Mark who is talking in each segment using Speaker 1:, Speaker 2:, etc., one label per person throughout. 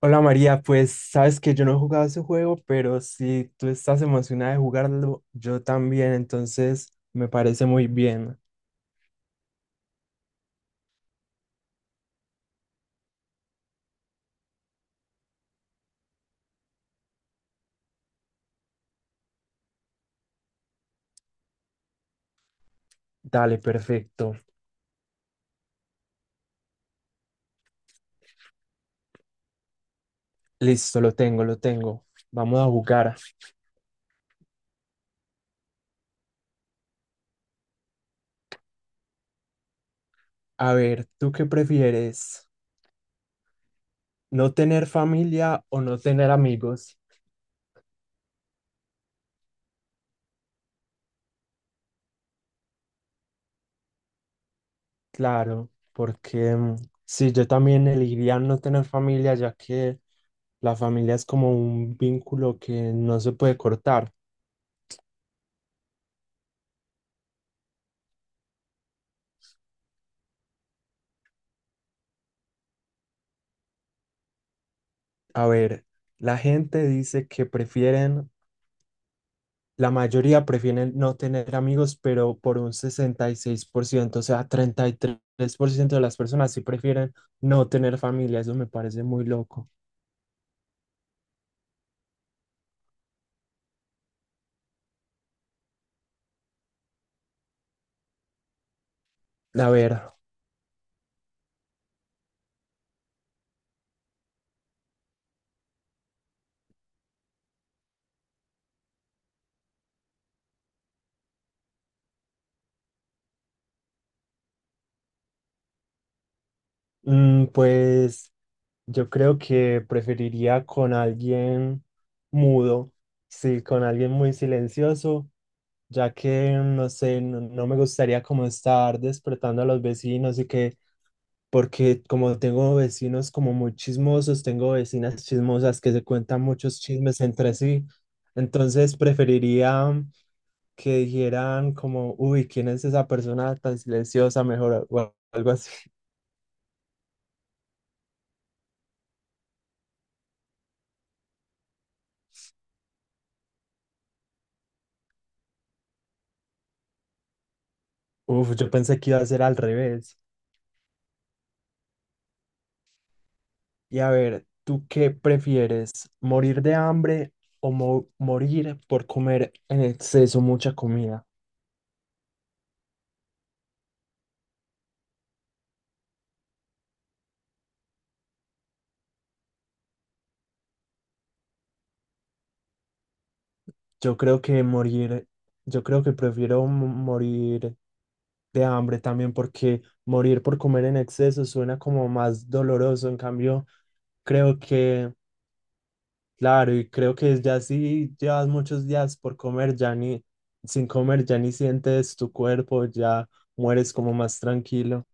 Speaker 1: Hola María, pues sabes que yo no he jugado ese juego, pero si tú estás emocionada de jugarlo, yo también, entonces me parece muy bien. Dale, perfecto. Listo, lo tengo, lo tengo. Vamos a jugar. A ver, ¿tú qué prefieres? ¿No tener familia o no tener amigos? Claro, porque sí, yo también elegiría no tener familia, ya que la familia es como un vínculo que no se puede cortar. A ver, la gente dice que prefieren, la mayoría prefieren no tener amigos, pero por un 66%, o sea, 33% de las personas sí prefieren no tener familia. Eso me parece muy loco. A ver, pues yo creo que preferiría con alguien mudo, sí, con alguien muy silencioso ya que no sé, no, no me gustaría como estar despertando a los vecinos y que porque como tengo vecinos como muy chismosos, tengo vecinas chismosas que se cuentan muchos chismes entre sí, entonces preferiría que dijeran como, uy, ¿quién es esa persona tan silenciosa? Mejor o algo así. Uf, yo pensé que iba a ser al revés. Y a ver, ¿tú qué prefieres? ¿Morir de hambre o morir por comer en exceso mucha comida? Yo creo que morir, yo creo que prefiero morir de hambre también porque morir por comer en exceso suena como más doloroso. En cambio, creo que, claro, y creo que ya si llevas muchos días por comer, ya ni sin comer, ya ni sientes tu cuerpo, ya mueres como más tranquilo.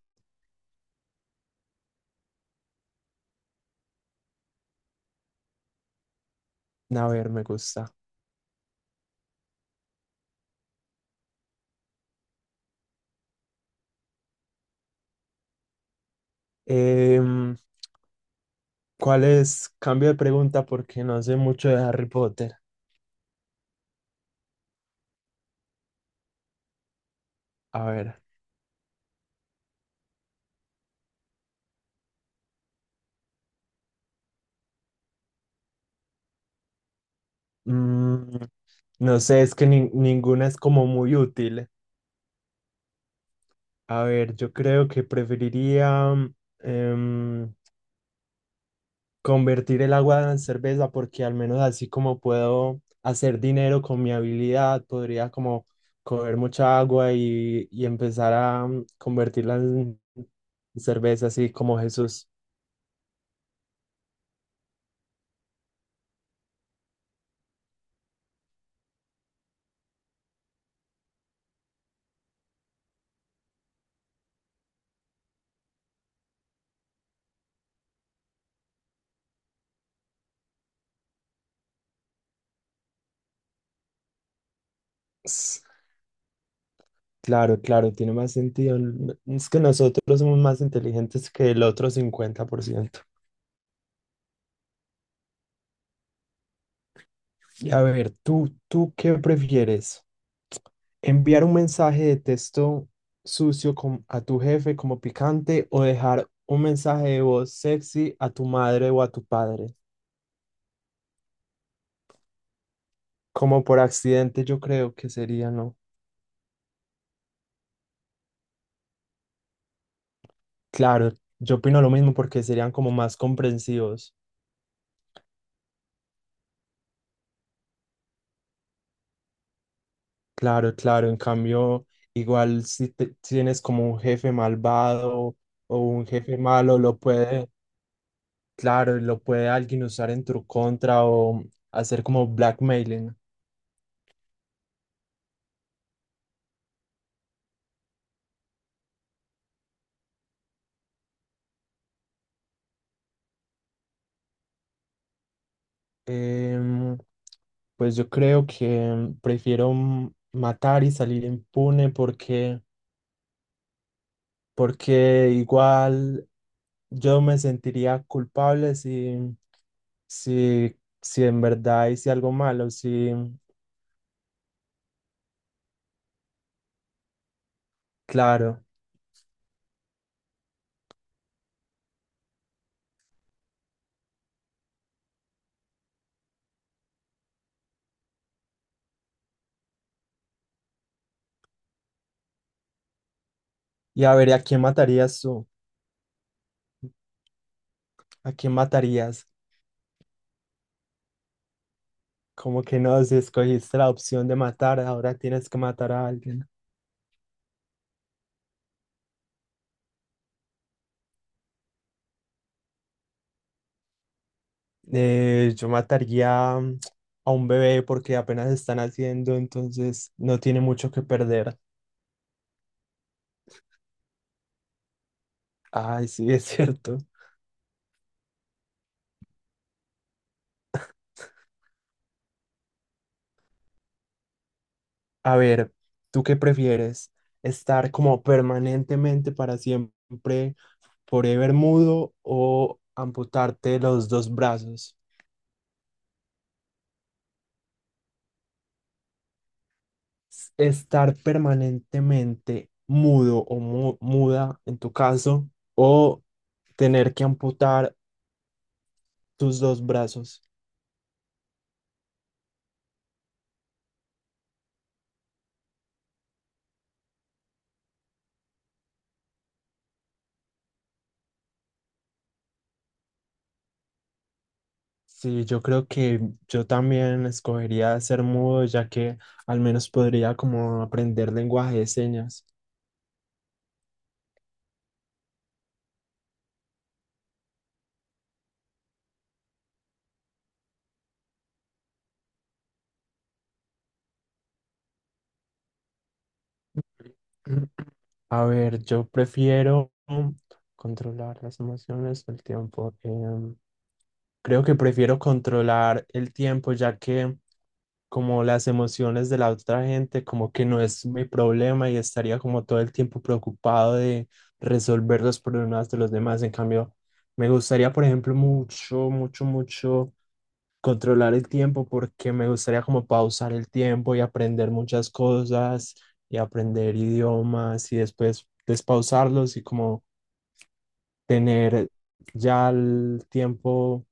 Speaker 1: A ver, me gusta. Em, ¿Cuál es? Cambio de pregunta porque no sé mucho de Harry Potter. A ver. Mm, no sé, es que ninguna es como muy útil. A ver, yo creo que preferiría em, convertir el agua en cerveza porque al menos así como puedo hacer dinero con mi habilidad, podría como coger mucha agua y empezar a convertirla en cerveza, así como Jesús. Ps, Claro, claro, tiene más sentido. Es que nosotros somos más inteligentes que el otro 50%. Y a ver, ¿tú qué prefieres? ¿Enviar un mensaje de texto sucio a tu jefe como picante o dejar un mensaje de voz sexy a tu madre o a tu padre? Como por accidente yo creo que sería, ¿no? Claro, yo opino lo mismo porque serían como más comprensivos. Claro, claro, en cambio, igual si tienes como un jefe malvado o un jefe malo, lo puede... Claro, y lo puede alguien usar en tu contra o hacer como blackmailing. Em, pues yo creo que prefiero matar y salir impune porque igual yo me sentiría culpable si, si en verdad hice algo malo, sí, claro. Y a ver, ¿a quién matarías tú? ¿A quién matarías? Como que no, si escogiste la opción de matar, ahora tienes que matar a alguien. Yo mataría a un bebé porque apenas están haciendo, entonces no tiene mucho que perder. Ay, sí, es cierto. A ver, ¿tú qué prefieres? ¿Estar como permanentemente para siempre, forever mudo o amputarte los dos brazos? ¿Estar permanentemente mudo o muda en tu caso o tener que amputar tus dos brazos? Sí, yo creo que yo también escogería ser mudo, ya que al menos podría como aprender lenguaje de señas. A ver, yo prefiero controlar las emociones, el tiempo. Creo que prefiero controlar el tiempo, ya que como las emociones de la otra gente, como que no es mi problema y estaría como todo el tiempo preocupado de resolver los problemas de los demás. En cambio, me gustaría, por ejemplo, mucho, mucho, mucho controlar el tiempo porque me gustaría como pausar el tiempo y aprender muchas cosas y aprender idiomas y después despausarlos y como tener ya el tiempo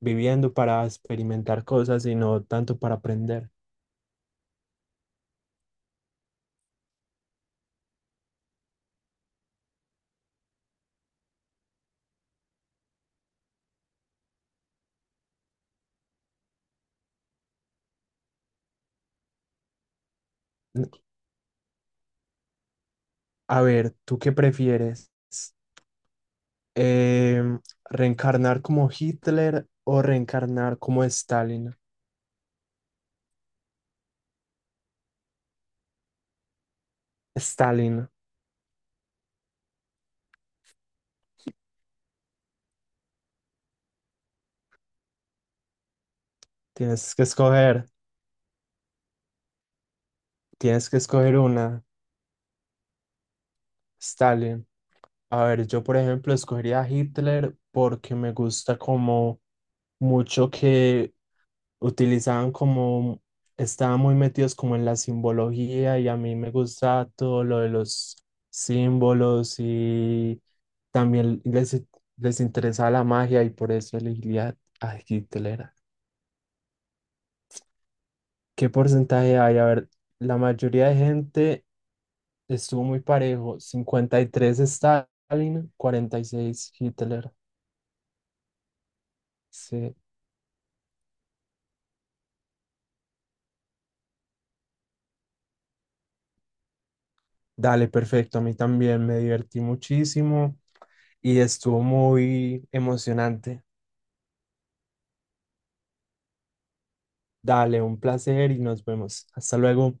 Speaker 1: viviendo para experimentar cosas y no tanto para aprender. N- A ver, ¿tú qué prefieres? Em, ¿Reencarnar como Hitler o reencarnar como Stalin? Stalin, tienes que escoger, tienes que escoger una, Stalin. A ver, yo por ejemplo escogería a Hitler porque me gusta como mucho que utilizaban como, estaban muy metidos como en la simbología y a mí me gusta todo lo de los símbolos y también les interesa la magia y por eso elegiría a Hitler. ¿Qué porcentaje hay? A ver, la mayoría de gente estuvo muy parejo, 53 Stalin, 46 Hitler. Sí. Dale, perfecto. A mí también me divertí muchísimo y estuvo muy emocionante. Dale, un placer y nos vemos. Hasta luego.